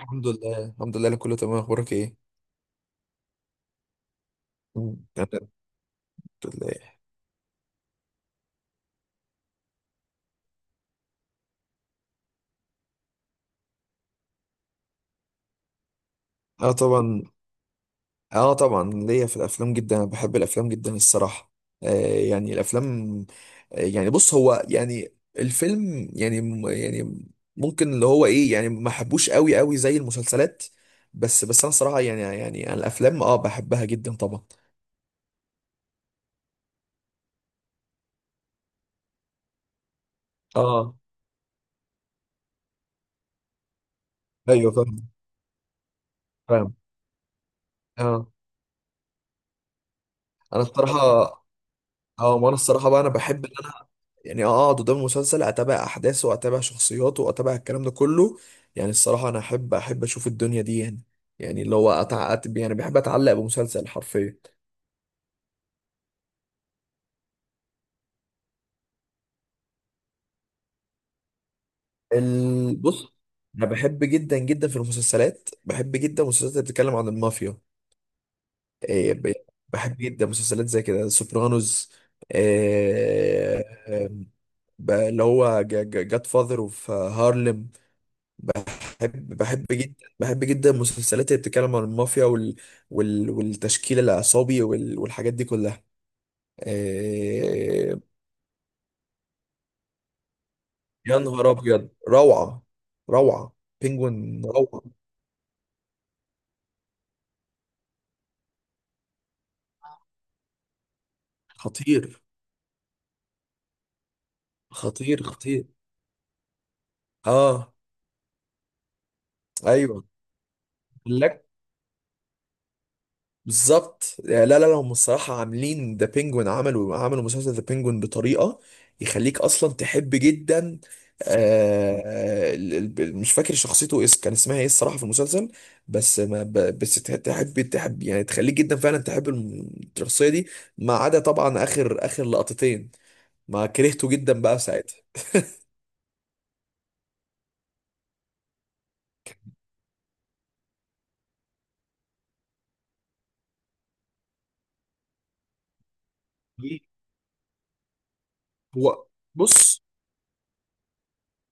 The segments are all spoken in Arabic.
الحمد لله، الحمد لله، أنا كله تمام. اخبارك ايه؟ أنا الحمد لله. اه طبعا، اه طبعا ليا في الافلام جدا، انا بحب الافلام جدا الصراحه. آه، يعني الافلام، آه يعني بص، هو يعني الفيلم يعني يعني ممكن اللي هو ايه، يعني ما حبوش قوي قوي زي المسلسلات. بس انا صراحه، يعني أنا الافلام اه بحبها جدا طبعا. اه، ايوه فاهم، فاهم. اه، انا الصراحه، اه وانا الصراحه بقى انا بحب، يعني اقعد قدام المسلسل، اتابع احداثه واتابع شخصياته واتابع الكلام ده كله. يعني الصراحه انا احب اشوف الدنيا دي، يعني يعني اللي هو يعني بحب اتعلق بمسلسل حرفيا. بص، انا بحب جدا جدا في المسلسلات، بحب جدا المسلسلات اللي بتتكلم عن المافيا. إيه، ب- بحب جدا مسلسلات زي كده سوبرانوس. إيه، اللي هو جاد فاذر وفي هارلم. بحب جدا. بحب جدا المسلسلات اللي بتتكلم عن المافيا والتشكيل العصابي والحاجات دي كلها. آه، يا نهار ابيض، روعة، روعة. بينجوين روعة. خطير، خطير، خطير. اه، ايوه. بلاك، بالظبط. لا، هم الصراحة عاملين ذا بينجوين، عملوا مسلسل ذا بينجوين بطريقة يخليك أصلا تحب جدا. آه، مش فاكر شخصيته إيه، كان اسمها إيه الصراحة في المسلسل. بس ما ب- بس تحب يعني تخليك جدا فعلا تحب الشخصية دي. ما عدا طبعا آخر لقطتين، ما كرهته جدا بقى ساعتها. هو بص،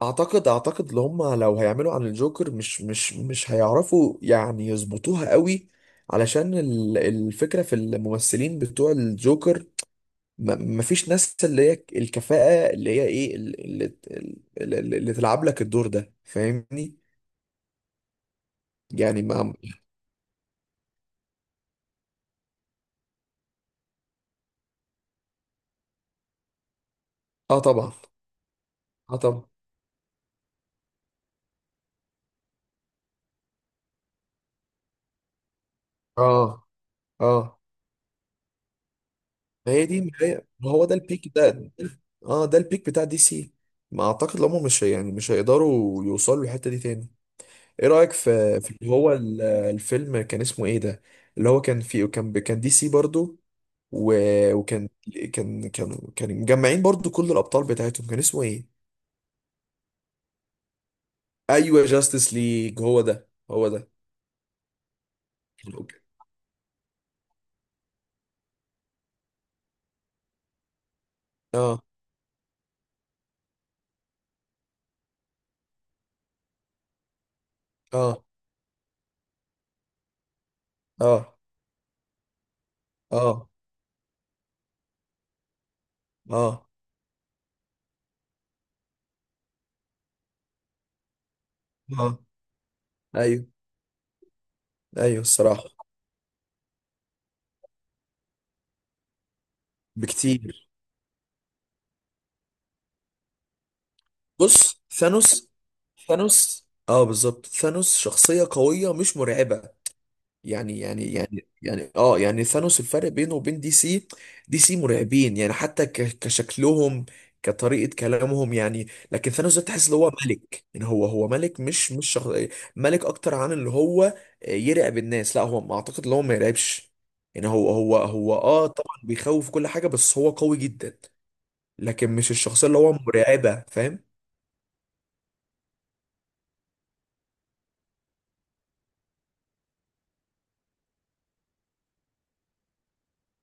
اعتقد اللي هم لو هيعملوا عن الجوكر، مش هيعرفوا يعني يظبطوها قوي، علشان الفكرة في الممثلين بتوع الجوكر مفيش ناس اللي هي الكفاءة اللي هي ايه اللي تلعب لك الدور ده، فاهمني؟ يعني ما. اه طبعا، اه طبعا. اه، اه. ما هي دي، ما هي، ما هو ده البيك ده. اه، ده البيك بتاع دي سي. ما اعتقد ان هم مش هي- يعني مش هيقدروا يوصلوا للحتة دي تاني. ايه رأيك في في اللي هو الفيلم كان اسمه ايه ده، اللي هو كان فيه، كان كان دي سي برضو، وكان، كان مجمعين برضو كل الأبطال بتاعتهم، كان اسمه ايه؟ ايوه، جاستس ليج، هو ده، هو ده. اه، اه، اه، اه، اه، اه، ايوه، ايوه الصراحة، بكتير. بص ثانوس، ثانوس اه بالظبط، ثانوس شخصية قوية مش مرعبة. يعني اه يعني ثانوس، الفرق بينه وبين دي سي، دي سي مرعبين يعني حتى كشكلهم، كطريقة كلامهم، يعني لكن ثانوس ده تحس ان هو ملك، يعني هو ملك، مش شخص. ملك اكتر عن اللي هو يرعب الناس، لا هو ما اعتقد ان هو ما يرعبش، يعني هو اه طبعا بيخوف كل حاجة، بس هو قوي جدا، لكن مش الشخصية اللي هو مرعبة، فاهم؟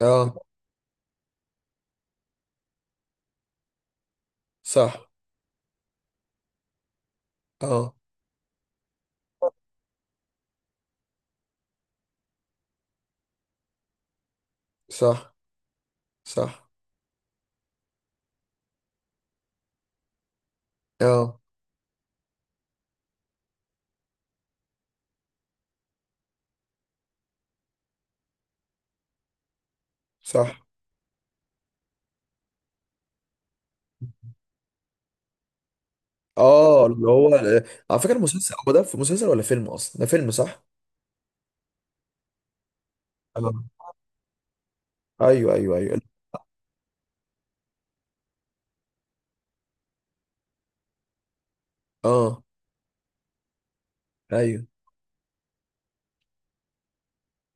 اه، صح، اه صح، صح، اه صح. اه اللي هو، على فكره المسلسل هو ده، في مسلسل ولا فيلم اصلا؟ ده فيلم، صح. اه، ايوه، ايوه، ايوه. اه، ايوه،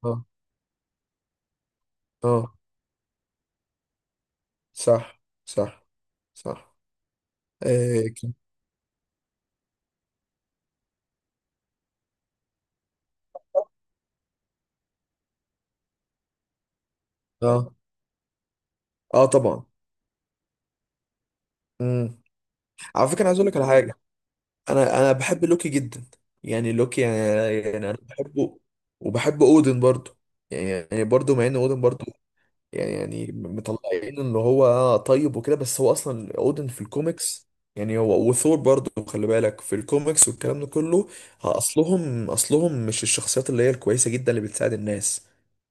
اه، اه، صح، صح، صح. آه كان، اه، اه طبعا. امم، على فكره أنا عايز اقول لك على حاجه. انا انا بحب لوكي جدا، يعني لوكي يعني, يعني انا بحبه، وبحب اودن برضو، يعني يعني برضو، مع ان اودن برضو، يعني يعني مطلعين ان هو طيب وكده، بس هو اصلا اودن في الكوميكس، يعني هو وثور برضه، خلي بالك في الكوميكس والكلام ده كله. ها، اصلهم مش الشخصيات اللي هي الكويسه جدا اللي بتساعد الناس،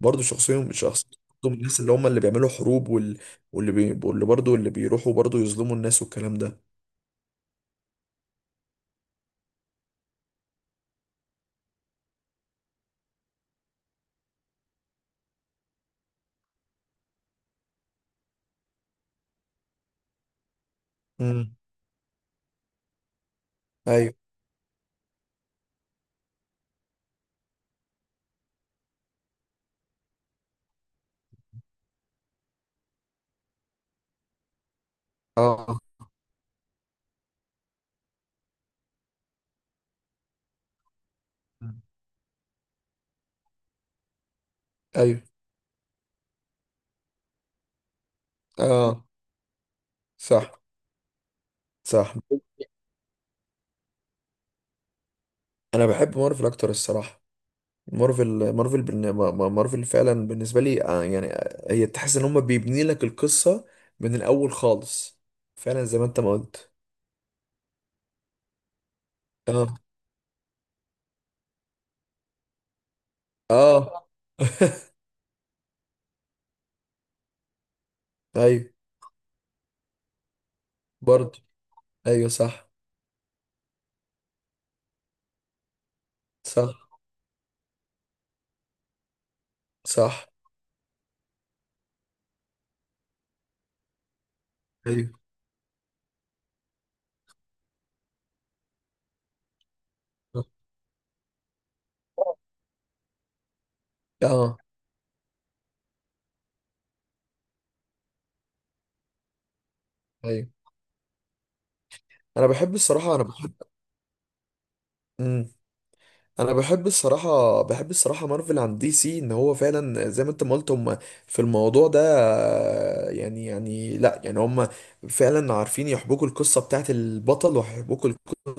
برضه شخصيتهم من الناس اللي هم اللي بيعملوا حروب واللي برضه اللي بيروحوا برضه يظلموا الناس والكلام ده. امم، ايوه، اه، ايوه، اه، صح، صح. انا بحب مارفل اكتر الصراحه. مارفل مارفل بالن- ما- ما- مارفل فعلا بالنسبة لي آه، يعني آه، هي تحس ان هم بيبني لك القصة من الاول خالص، فعلا زي ما انت ما قلت. اه، اه، ايوه، برضه، ايوه صح، صح، صح، ايوه، اه ايوه. انا بحب الصراحه، انا بحب. مم. انا بحب الصراحه، بحب الصراحه مارفل عن دي سي، ان هو فعلا زي ما انت ما قلت، هم في الموضوع ده، لا يعني هم فعلا عارفين يحبكوا القصه بتاعت البطل، ويحبكوا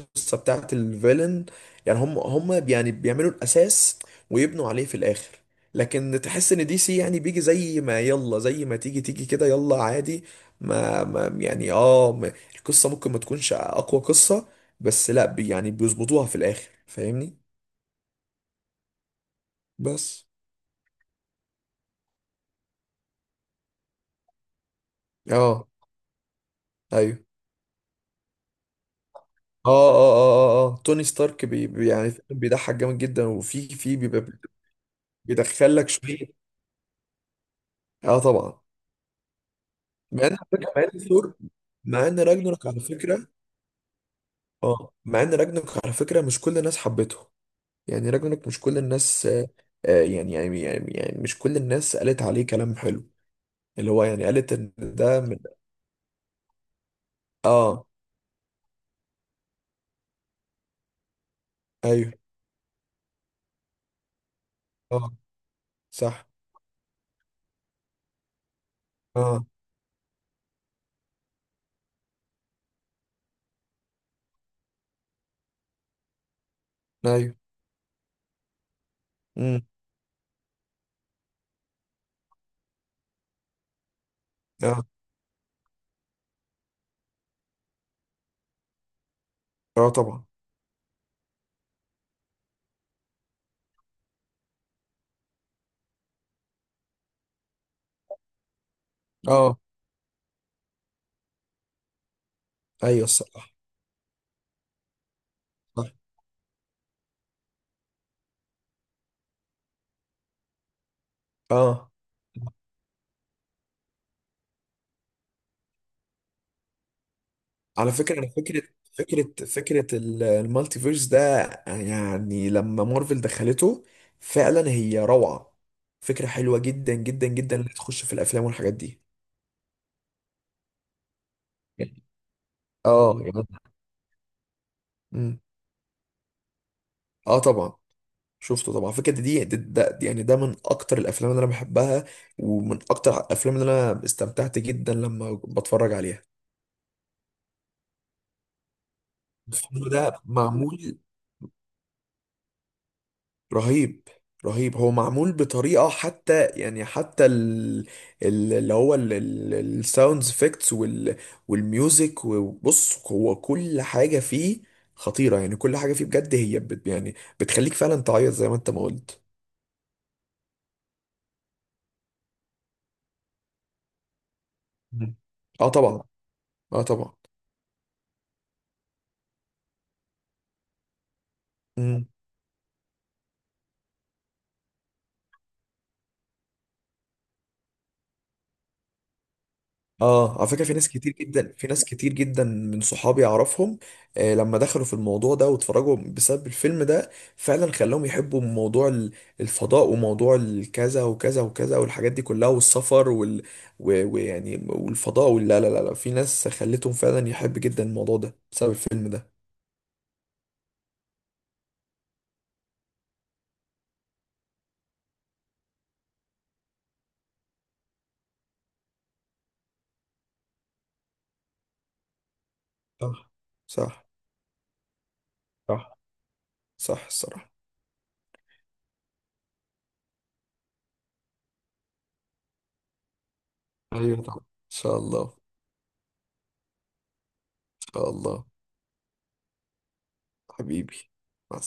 القصه بتاعت الفيلن، يعني هم هم يعني بيعملوا الاساس ويبنوا عليه في الاخر. لكن تحس ان دي سي يعني بيجي زي ما يلا، زي ما تيجي تيجي كده يلا عادي. ما, ما يعني اه القصه ممكن ما تكونش اقوى قصه، بس لا، بي يعني بيظبطوها في الاخر، فاهمني؟ بس. اه، ايوه، توني ستارك يعني بيضحك جامد جدا، وفي في بيبقى بيدخل لك شويه. اه طبعا. مع ان على فكرة، مع ان ثور، مع ان راجنروك على فكره، اه مع ان راجنك على فكره مش كل الناس حبته. يعني راجنك مش كل الناس آه، آه، يعني مش كل الناس قالت عليه كلام حلو، اللي هو يعني قالت ان ده من. اه، ايوه، اه صح، اه ايوه، امم، اه، اه طبعا. اه ايوه الصراحه، صح. اه على فكره انا فكره، فكره المالتي فيرس ده، يعني لما مارفل دخلته فعلا هي روعه. فكره حلوه جدا جدا جدا، اللي تخش في الافلام والحاجات دي. اه يعني. مم. اه طبعا، شفته طبعا. فكرة دي يعني ده من اكتر الافلام اللي انا بحبها، ومن اكتر الافلام اللي انا استمتعت جدا لما بتفرج عليها. الفيلم ده معمول رهيب، رهيب. هو معمول بطريقة، حتى يعني اللي هو الساوند افكتس والميوزك، وبص هو كل حاجة فيه خطيرة، يعني كل حاجة فيه بجد هي بت يعني بتخليك فعلا تعيط زي ما انت ما قلت. مم. اه طبعا، اه طبعا. مم. اه على فكره في ناس كتير جدا، في ناس كتير جدا من صحابي اعرفهم، آه لما دخلوا في الموضوع ده واتفرجوا بسبب الفيلم ده، فعلا خلاهم يحبوا موضوع الفضاء وموضوع الكذا وكذا وكذا والحاجات دي كلها، والسفر ويعني والفضاء، ولا لا لا لا لا. في ناس خلتهم فعلا يحب جدا الموضوع ده بسبب الفيلم ده. صح، صح، صح، صح الصراحه. ايوه طبعا، ان شاء الله، ان شاء الله. حبيبي، مع